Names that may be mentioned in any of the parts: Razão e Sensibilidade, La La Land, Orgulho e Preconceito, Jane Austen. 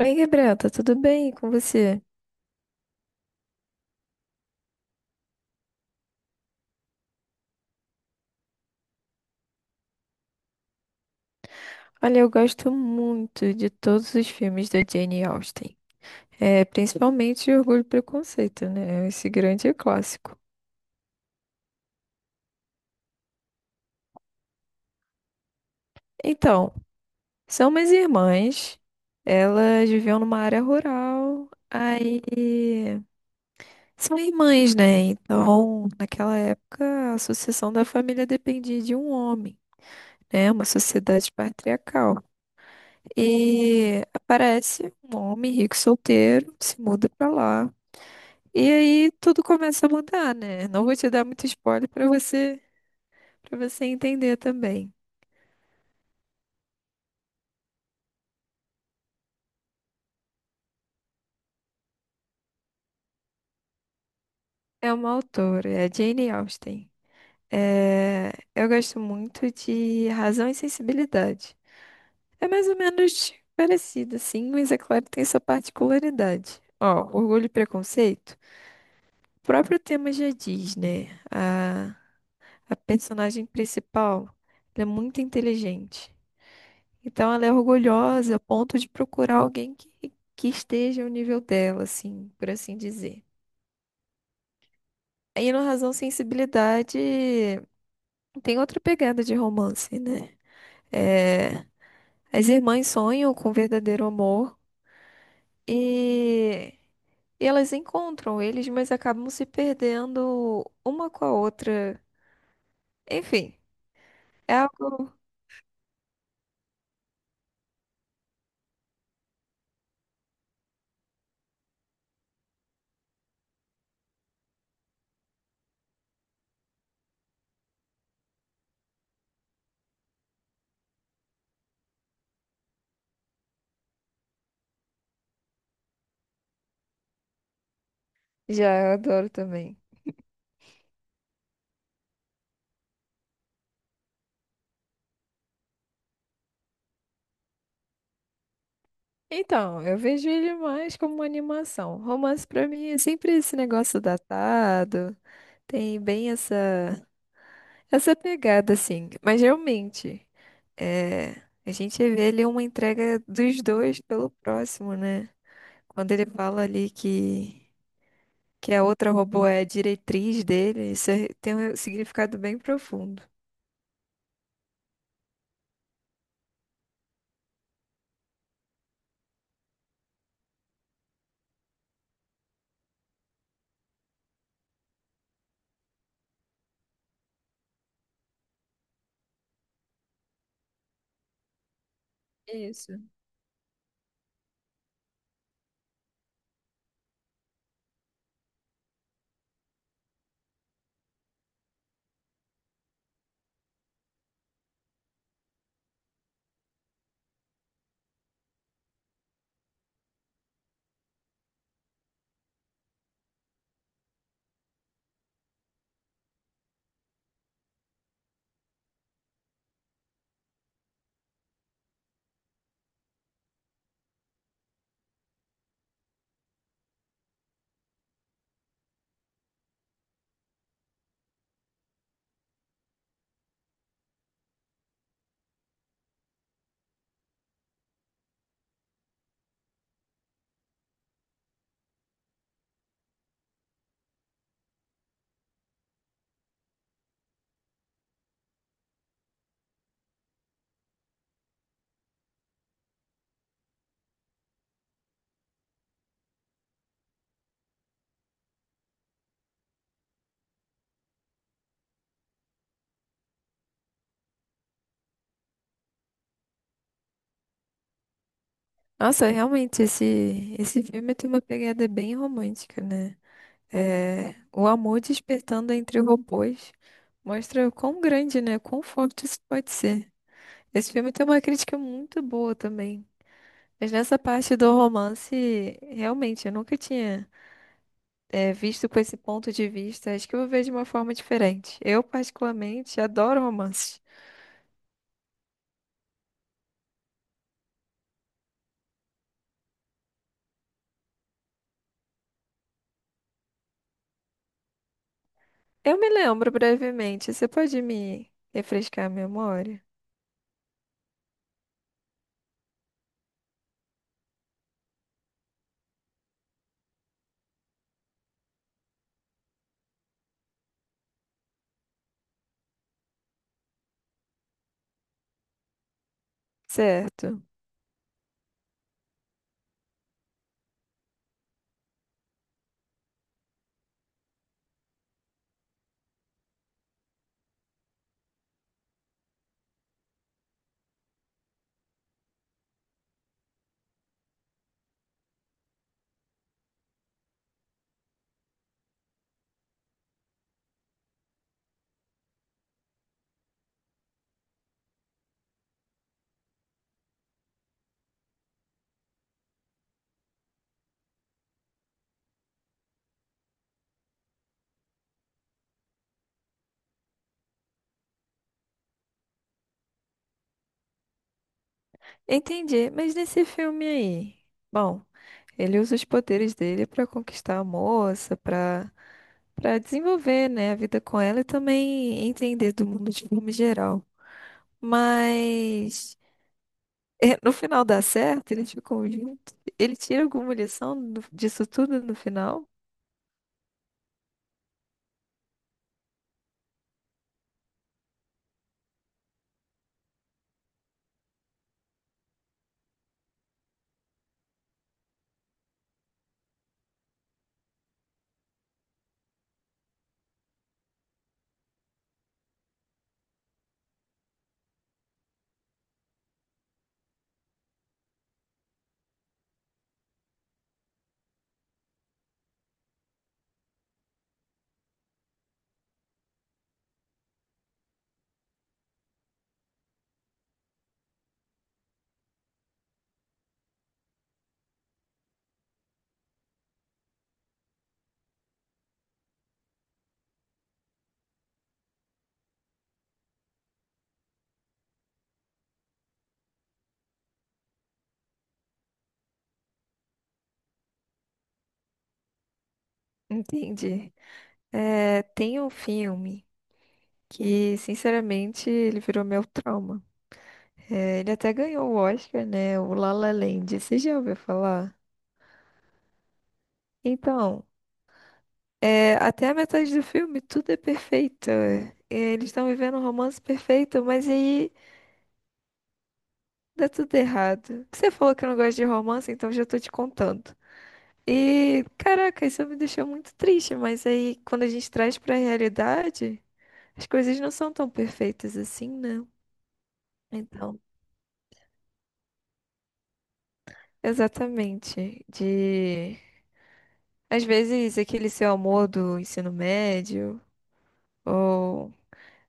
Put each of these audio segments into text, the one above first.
Oi, Gabriel, tá tudo bem com você? Olha, eu gosto muito de todos os filmes da Jane Austen. É, principalmente Orgulho e Preconceito, né? Esse grande clássico. Então, são umas irmãs, elas viviam numa área rural, aí são irmãs, né? Então, naquela época, a sucessão da família dependia de um homem, né? Uma sociedade patriarcal. E aparece um homem rico solteiro, se muda pra lá. E aí tudo começa a mudar, né? Não vou te dar muito spoiler para você entender também. É uma autora, é a Jane Austen. É, eu gosto muito de Razão e Sensibilidade. É mais ou menos parecido, sim, mas é claro que tem sua particularidade. Ó, Orgulho e Preconceito. O próprio tema já diz, né? A personagem principal, ela é muito inteligente. Então ela é orgulhosa a ponto de procurar alguém que esteja ao nível dela, assim, por assim dizer. Aí no Razão Sensibilidade tem outra pegada de romance, né? É, as irmãs sonham com verdadeiro amor e, e elas encontram eles, mas acabam se perdendo uma com a outra. Enfim, é algo. Já, eu adoro também. Então, eu vejo ele mais como uma animação. Romance pra mim é sempre esse negócio datado. Tem bem essa pegada, assim. Mas realmente, é, a gente vê ali uma entrega dos dois pelo próximo, né? Quando ele fala ali que a outra robô é a diretriz dele, isso é- tem um significado bem profundo. Isso. Nossa, realmente, esse filme tem uma pegada bem romântica, né? É, o amor despertando entre robôs mostra o quão grande, né? Quão forte isso pode ser. Esse filme tem uma crítica muito boa também. Mas nessa parte do romance, realmente, eu nunca tinha, visto com esse ponto de vista. Acho que eu vou ver de uma forma diferente. Eu, particularmente, adoro romances. Eu me lembro brevemente. Você pode me refrescar a memória? Certo. Entendi. Mas nesse filme aí, bom, ele usa os poderes dele para conquistar a moça, para desenvolver, né, a vida com ela e também entender do mundo de forma geral. Mas é, no final dá certo, eles ficam juntos. Ele tira alguma lição do- disso tudo no final? Entendi. É, tem um filme que, sinceramente, ele virou meu trauma. É, ele até ganhou o Oscar, né? O La La Land. Você já ouviu falar? Então, é, até a metade do filme, tudo é perfeito. É, eles estão vivendo um romance perfeito, mas aí dá tudo errado. Você falou que não gosta de romance, então já tô te contando. E, caraca, isso me deixou muito triste, mas aí quando a gente traz pra realidade, as coisas não são tão perfeitas assim, né? Então, exatamente, de às vezes aquele seu amor do ensino médio ou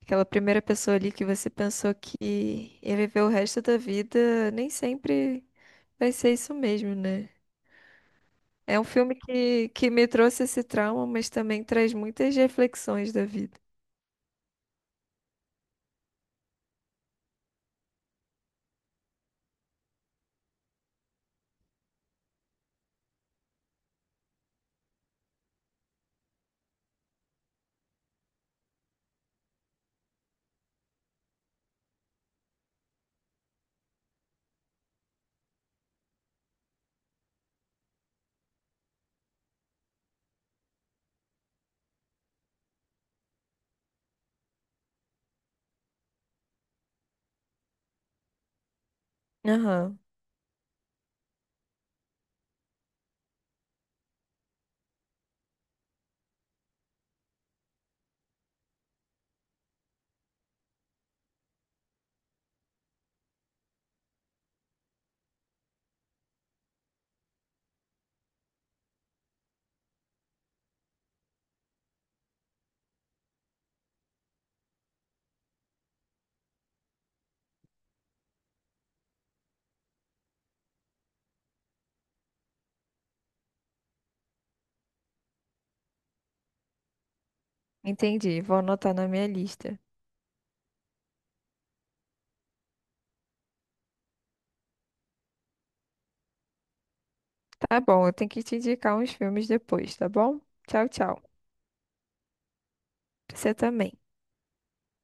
aquela primeira pessoa ali que você pensou que ia viver o resto da vida, nem sempre vai ser isso mesmo, né? É um filme que me trouxe esse trauma, mas também traz muitas reflexões da vida. Aham. Entendi, vou anotar na minha lista. Tá bom, eu tenho que te indicar uns filmes depois, tá bom? Tchau, tchau. Você também.